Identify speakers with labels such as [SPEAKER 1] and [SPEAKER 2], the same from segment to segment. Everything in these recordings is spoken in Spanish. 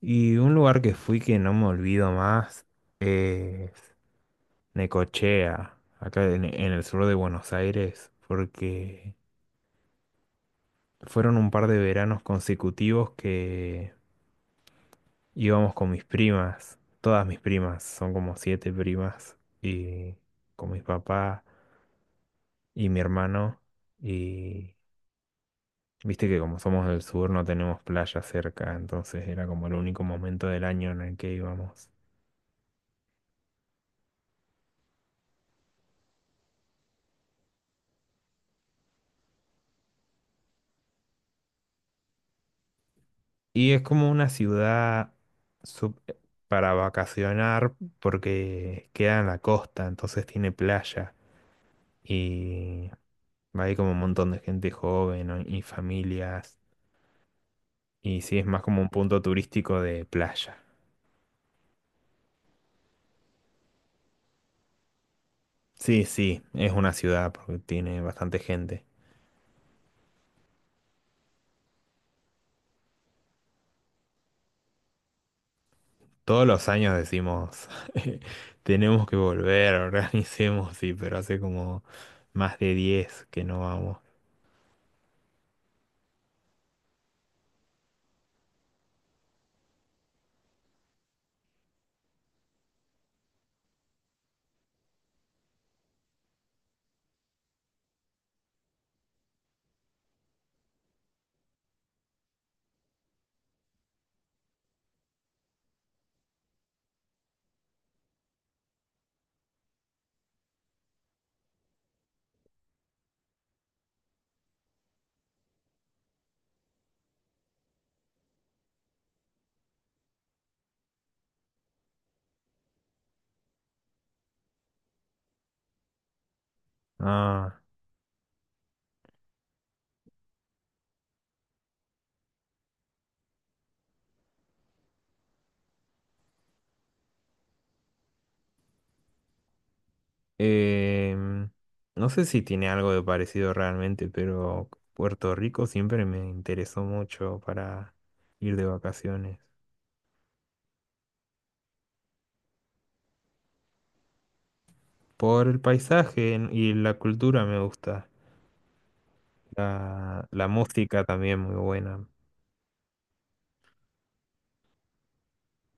[SPEAKER 1] Y un lugar que fui que no me olvido más es Necochea, acá en el sur de Buenos Aires, porque fueron un par de veranos consecutivos que íbamos con mis primas, todas mis primas, son como siete primas, y con mis papás y mi hermano, y viste que como somos del sur no tenemos playa cerca, entonces era como el único momento del año en el que íbamos. Y es como una ciudad sup- eh, para vacacionar porque queda en la costa, entonces tiene playa. Y hay como un montón de gente joven, ¿no? Y familias. Y sí, es más como un punto turístico de playa. Sí, sí, es una ciudad porque tiene bastante gente. Todos los años decimos, tenemos que volver, organicemos, sí, pero hace como más de 10 que no vamos. Ah. Em, no sé si tiene algo de parecido realmente, pero Puerto Rico siempre me interesó mucho para ir de vacaciones. Por el paisaje y la cultura me gusta. La música también muy buena.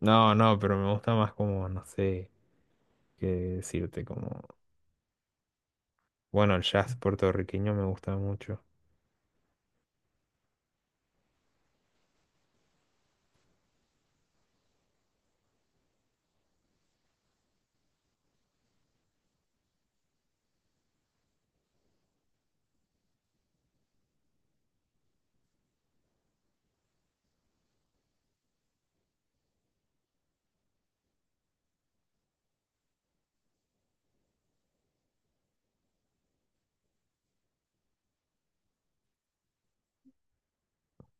[SPEAKER 1] No, no, pero me gusta más como, no sé qué decirte, como. Bueno, el jazz puertorriqueño me gusta mucho.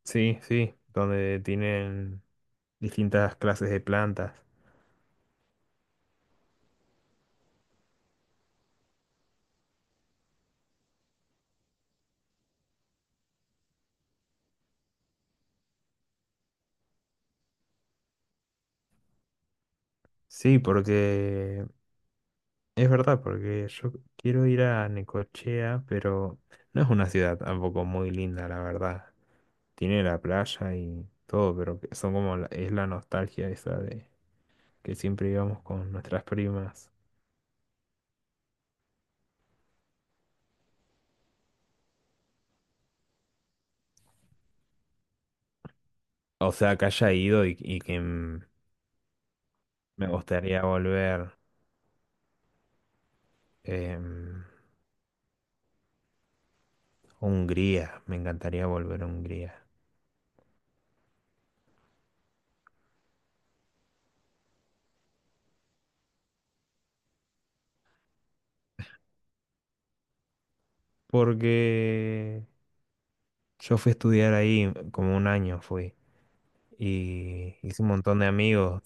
[SPEAKER 1] Sí, sí, donde tienen distintas clases de plantas. Sí, porque es verdad, porque yo quiero ir a Necochea, pero no es una ciudad tampoco muy linda, la verdad. Tiene la playa y todo, pero que son como es la nostalgia esa de que siempre íbamos con nuestras primas. O sea, que haya ido y que me gustaría volver em, Hungría, me encantaría volver a Hungría. Porque yo fui a estudiar ahí, como un año fui, y hice un montón de amigos.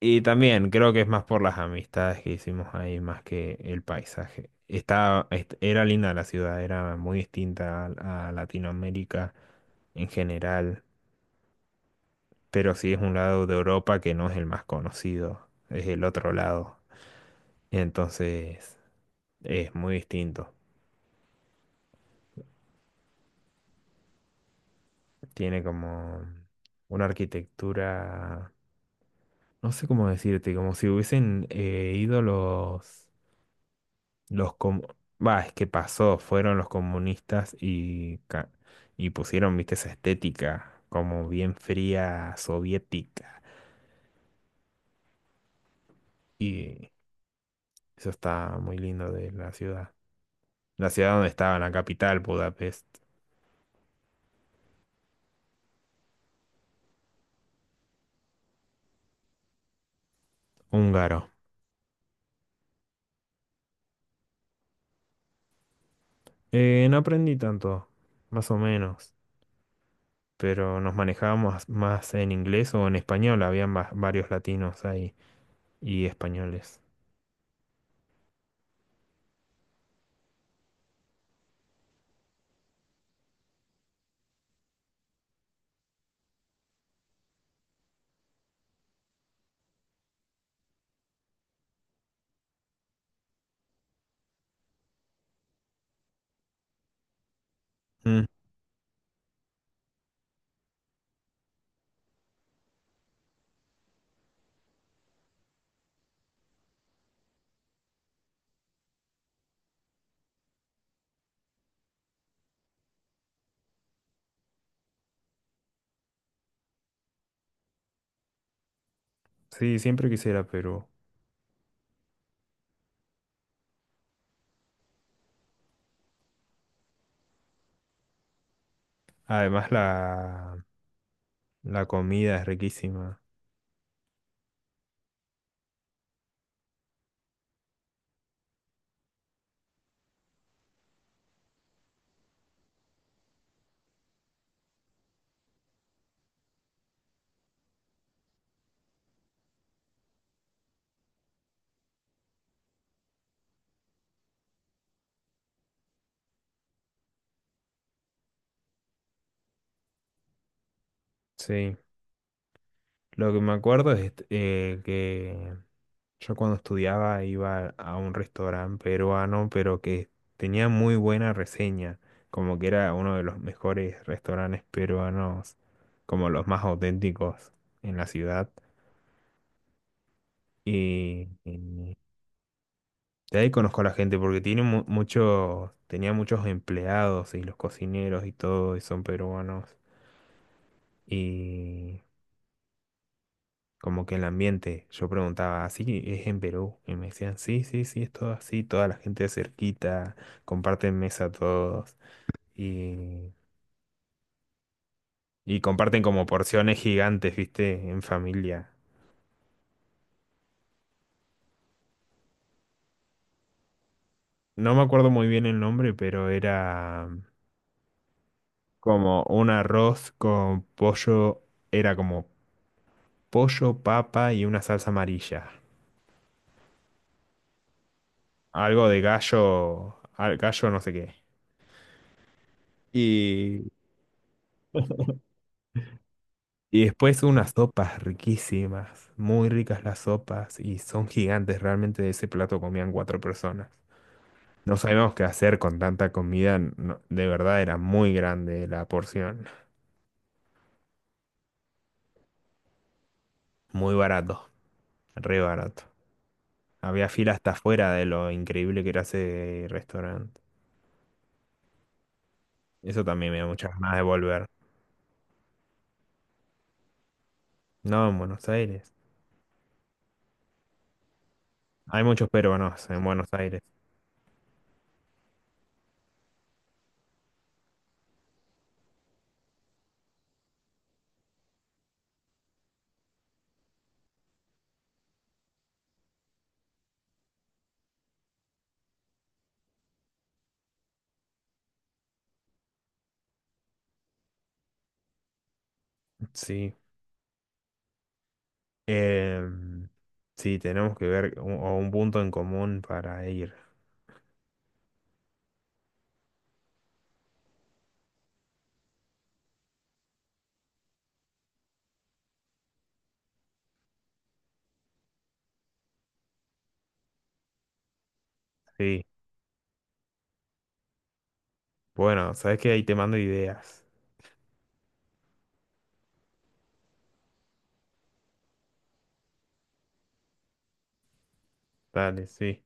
[SPEAKER 1] Y también creo que es más por las amistades que hicimos ahí, más que el paisaje. Era linda la ciudad, era muy distinta a Latinoamérica en general, pero sí es un lado de Europa que no es el más conocido, es el otro lado. Entonces es muy distinto. Tiene como una arquitectura, no sé cómo decirte, como si hubiesen ido los. Los com- Bah, es que pasó, fueron los comunistas y pusieron, viste, esa estética como bien fría soviética. Y eso está muy lindo de la ciudad. La ciudad donde estaba, la capital, Budapest. Húngaro. No aprendí tanto, más o menos, pero nos manejábamos más en inglés o en español. Habían varios latinos ahí y españoles. Mm, sí, siempre quisiera Perú. Además, la. La comida es riquísima. Sí. Lo que me acuerdo es que yo cuando estudiaba iba a un restaurante peruano, pero que tenía muy buena reseña. Como que era uno de los mejores restaurantes peruanos, como los más auténticos en la ciudad. Y de ahí conozco a la gente porque tiene mucho, tenía muchos empleados y los cocineros y todo, y son peruanos. Y como que el ambiente, yo preguntaba, ¿así es en Perú? Y me decían, sí, sí, sí, es todo así, toda la gente cerquita, comparten mesa todos y, y comparten como porciones gigantes, ¿viste? En familia. No me acuerdo muy bien el nombre, pero era como un arroz con pollo, era como pollo, papa y una salsa amarilla. Algo de gallo, gallo no sé qué. Y después unas sopas riquísimas, muy ricas las sopas y son gigantes, realmente de ese plato comían cuatro personas. No sabíamos qué hacer con tanta comida, de verdad era muy grande la porción, muy barato, re barato. Había fila hasta afuera de lo increíble que era ese restaurante. Eso también me da muchas ganas de volver. No, en Buenos Aires. Hay muchos peruanos en Buenos Aires. Sí. Em, sí, tenemos que ver un, o un punto en común para ir. Sí. Bueno, sabes que ahí te mando ideas. Dale, sí.